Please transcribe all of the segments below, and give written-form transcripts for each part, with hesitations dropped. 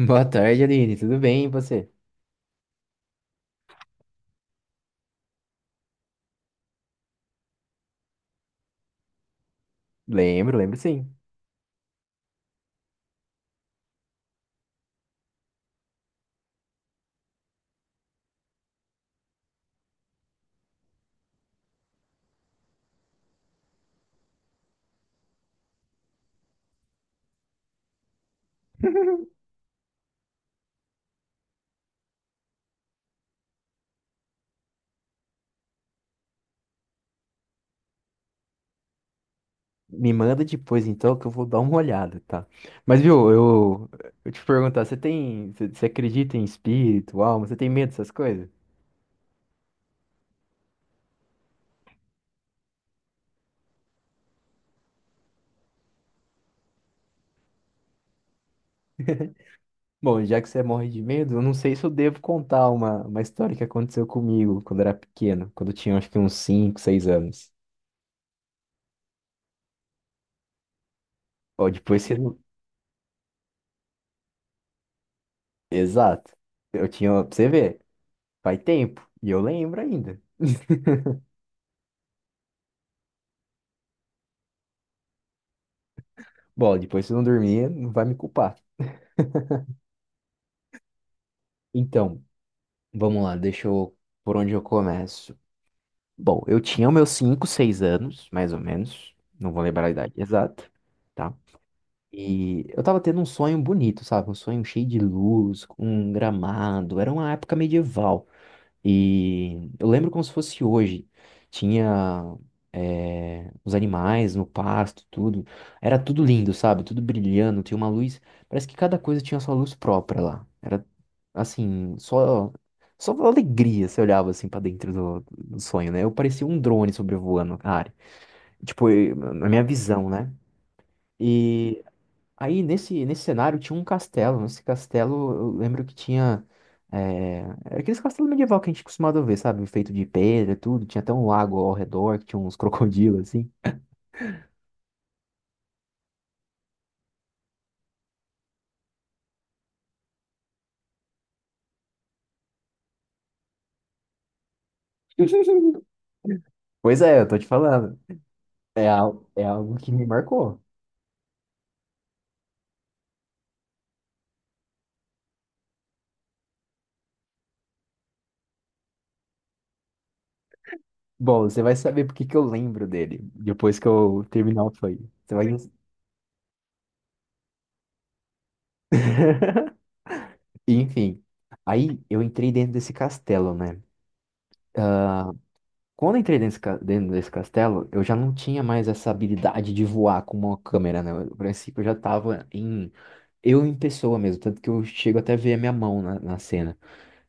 Boa tarde, Aline. Tudo bem, e você? Lembro, lembro sim. Me manda depois então que eu vou dar uma olhada, tá? Mas viu, eu te perguntar, você acredita em espírito, alma? Você tem medo dessas coisas? Bom, já que você morre de medo, eu não sei se eu devo contar uma história que aconteceu comigo quando eu era pequeno, quando eu tinha acho que uns 5, 6 anos. Ó, depois você não. Exato. Eu tinha, pra você ver, faz tempo, e eu lembro ainda. Bom, depois você não dormir, não vai me culpar. Então, vamos lá, deixa eu. Por onde eu começo? Bom, eu tinha os meus 5, 6 anos, mais ou menos. Não vou lembrar a idade exata, tá? E eu tava tendo um sonho bonito, sabe? Um sonho cheio de luz, com um gramado. Era uma época medieval. E eu lembro como se fosse hoje. Tinha os animais no pasto, tudo. Era tudo lindo, sabe? Tudo brilhando, tinha uma luz. Parece que cada coisa tinha sua luz própria lá. Era assim, só alegria, você olhava assim pra dentro do sonho, né? Eu parecia um drone sobrevoando a área. Tipo, na minha visão, né? e Aí nesse, cenário tinha um castelo. Nesse castelo eu lembro que tinha. É, Era aqueles castelos medieval que a gente costumava ver, sabe? Feito de pedra, e tudo. Tinha até um lago ao redor, que tinha uns crocodilos assim. Pois é, eu tô te falando. É algo que me marcou. Bom, você vai saber por que que eu lembro dele depois que eu terminar o play. Você vai. Enfim. Aí eu entrei dentro desse castelo, né? Quando eu entrei dentro dentro desse castelo, eu já não tinha mais essa habilidade de voar com uma câmera, né? No princípio, eu já tava em. Eu em pessoa mesmo, tanto que eu chego até a ver a minha mão na cena.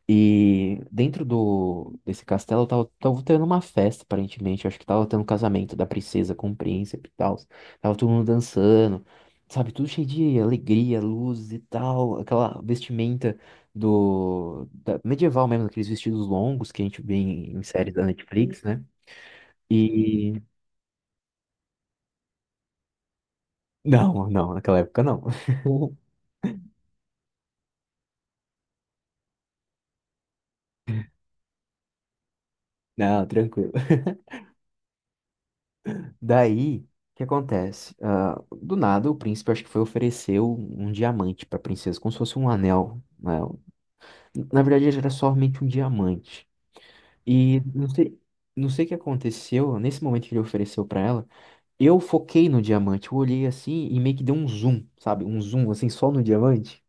E dentro do desse castelo, eu tava tendo uma festa, aparentemente. Eu acho que tava tendo um casamento da princesa com o príncipe e tal. Tava todo mundo dançando, sabe? Tudo cheio de alegria, luzes e tal. Aquela vestimenta medieval mesmo, aqueles vestidos longos que a gente vê em séries da Netflix, né? E. Não, não, naquela época não. Não, tranquilo. Daí, o que acontece? Ah, do nada, o príncipe acho que foi oferecer um diamante pra princesa, como se fosse um anel, né? Na verdade, ele era somente um diamante. E não sei o que aconteceu, nesse momento que ele ofereceu pra ela. Eu foquei no diamante, eu olhei assim e meio que deu um zoom, sabe? Um zoom assim só no diamante.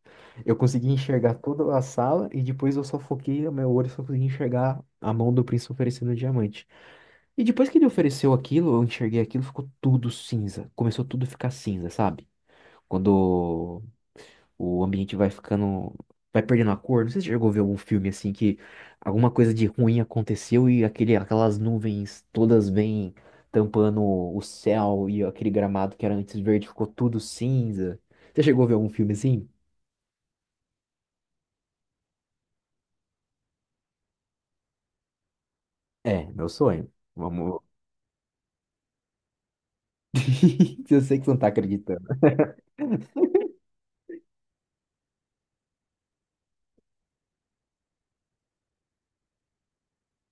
Eu consegui enxergar toda a sala e depois eu só foquei, o meu olho só consegui enxergar a mão do príncipe oferecendo o diamante. E depois que ele ofereceu aquilo, eu enxerguei aquilo, ficou tudo cinza. Começou tudo a ficar cinza, sabe? Quando o ambiente vai ficando. Vai perdendo a cor. Não sei se você chegou a ver algum filme assim que alguma coisa de ruim aconteceu e aquelas nuvens todas vêm tampando o céu, e aquele gramado que era antes verde ficou tudo cinza. Você chegou a ver algum filme assim? É, meu sonho. Vamos. Eu sei que você não tá acreditando.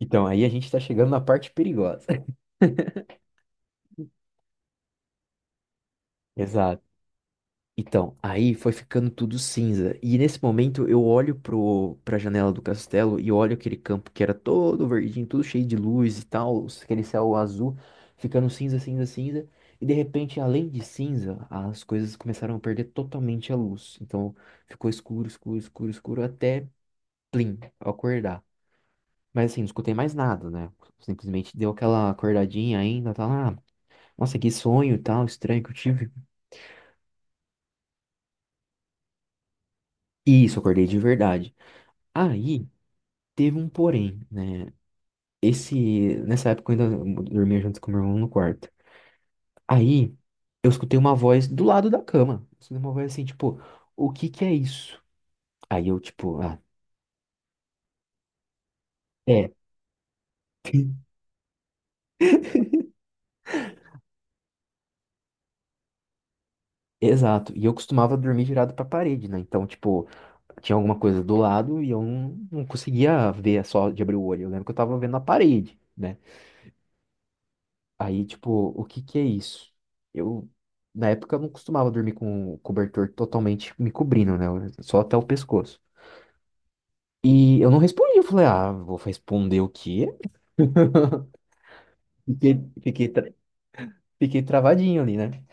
Então, aí a gente tá chegando na parte perigosa. Exato. Então, aí foi ficando tudo cinza. E nesse momento eu olho pra janela do castelo e olho aquele campo que era todo verdinho, tudo cheio de luz e tal, aquele céu azul, ficando cinza, cinza, cinza. E de repente, além de cinza, as coisas começaram a perder totalmente a luz. Então ficou escuro, escuro, escuro, escuro, até plim, eu acordar. Mas assim, não escutei mais nada, né? Simplesmente deu aquela acordadinha ainda, tá lá. Nossa, que sonho e tal, estranho que eu tive. Isso, acordei de verdade. Aí. Teve um porém, né? Nessa época eu ainda dormia junto com meu irmão no quarto. Aí eu escutei uma voz do lado da cama. Eu escutei uma voz assim, tipo, o que que é isso? Aí eu, tipo, é. Exato. E eu costumava dormir virado pra parede, né? Então, tipo, tinha alguma coisa do lado e eu não conseguia ver só de abrir o olho. Eu lembro que eu tava vendo a parede, né? Aí, tipo, o que que é isso? Eu, na época, eu não costumava dormir com o cobertor totalmente me cobrindo, né? Só até o pescoço. E eu não respondi, eu falei, vou responder o quê? Fiquei, fiquei, tra- fiquei travadinho ali, né?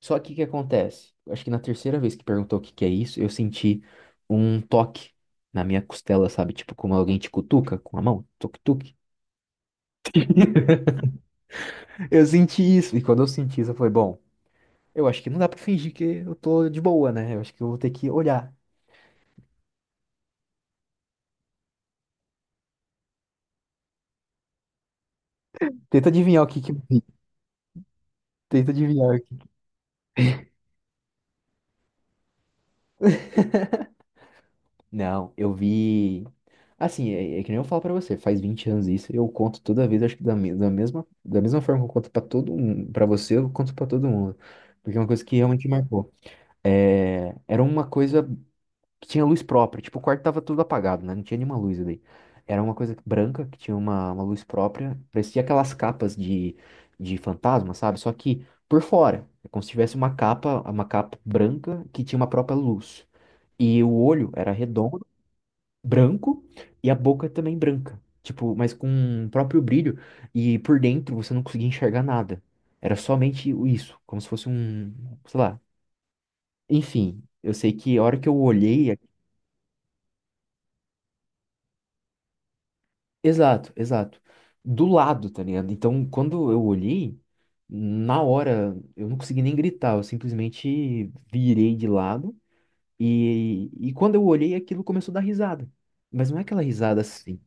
Só que o que acontece? Eu acho que na terceira vez que perguntou o que que é isso, eu senti um toque na minha costela, sabe? Tipo, como alguém te cutuca com a mão, tuk-tuk. Eu senti isso. E quando eu senti isso, eu falei, bom, eu acho que não dá pra fingir que eu tô de boa, né? Eu acho que eu vou ter que olhar. Tenta adivinhar o que que. Tenta adivinhar. Não, eu vi. Assim, é que nem eu falo pra você, faz 20 anos isso, eu conto toda vez, acho que da mesma forma que eu conto pra todo mundo, pra você, eu conto pra todo mundo. Porque é uma coisa que realmente marcou. É, era uma coisa que tinha luz própria, tipo, o quarto tava tudo apagado, né? Não tinha nenhuma luz ali. Era uma coisa branca que tinha uma luz própria, parecia aquelas capas de fantasma, sabe? Só que por fora, é como se tivesse uma capa branca que tinha uma própria luz. E o olho era redondo, branco, e a boca também branca. Tipo, mas com o próprio brilho. E por dentro você não conseguia enxergar nada. Era somente isso, como se fosse um, sei lá. Enfim, eu sei que a hora que eu olhei. Exato, exato. Do lado, tá ligado? Então, quando eu olhei, na hora eu não consegui nem gritar, eu simplesmente virei de lado. E quando eu olhei, aquilo começou a dar risada. Mas não é aquela risada assim.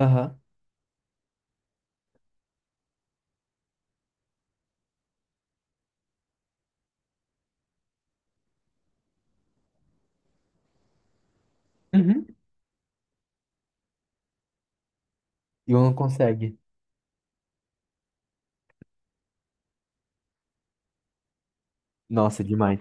Aham. Uhum. E eu não consegue. Nossa, demais.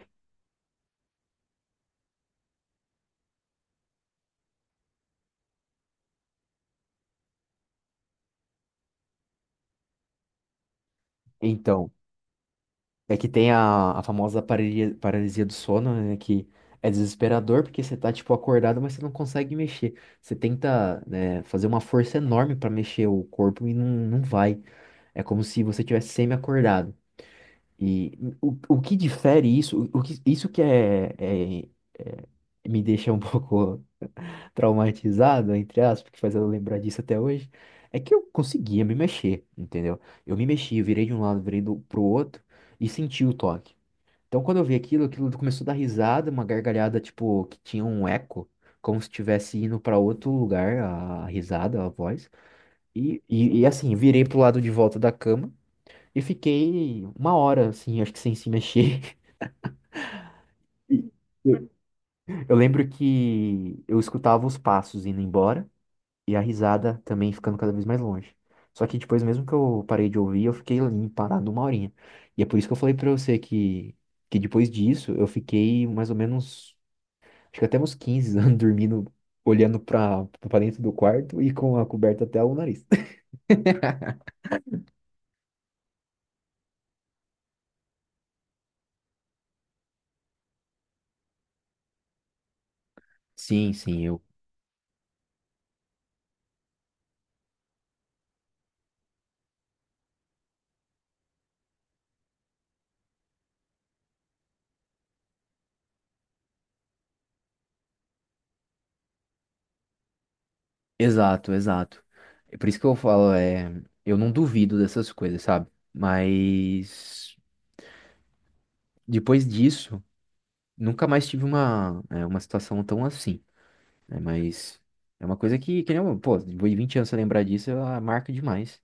Então, é que tem a famosa paralisia, paralisia do sono, né? Que é desesperador porque você tá, tipo, acordado, mas você não consegue mexer. Você tenta, né, fazer uma força enorme pra mexer o corpo e não vai. É como se você tivesse semi-acordado. E o que difere isso, isso que é, é- me deixa um pouco traumatizado, entre aspas, que faz ela lembrar disso até hoje, é que eu conseguia me mexer, entendeu? Eu me mexi, eu virei de um lado, virei pro outro, e senti o toque. Então, quando eu vi aquilo, aquilo começou a dar risada, uma gargalhada, tipo, que tinha um eco, como se estivesse indo para outro lugar, a risada, a voz. E assim, virei pro lado de volta da cama e fiquei uma hora, assim, acho que sem se mexer. E eu lembro que eu escutava os passos indo embora. E a risada também ficando cada vez mais longe. Só que depois, mesmo que eu parei de ouvir, eu fiquei ali parado uma horinha. E é por isso que eu falei pra você que, depois disso eu fiquei mais ou menos, acho que até uns 15 anos dormindo, olhando pra, dentro do quarto e com a coberta até o nariz. Sim, sim, eu. Exato, exato. É por isso que eu falo, eu não duvido dessas coisas, sabe? Mas depois disso, nunca mais tive uma situação tão assim, né? Mas é uma coisa que nem, pô, depois de 20 anos você lembrar disso, ela marca demais.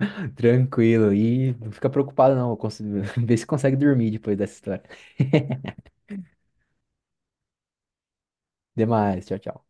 Tranquilo, e não fica preocupado não, vê se consegue dormir depois dessa história. Demais, tchau, tchau.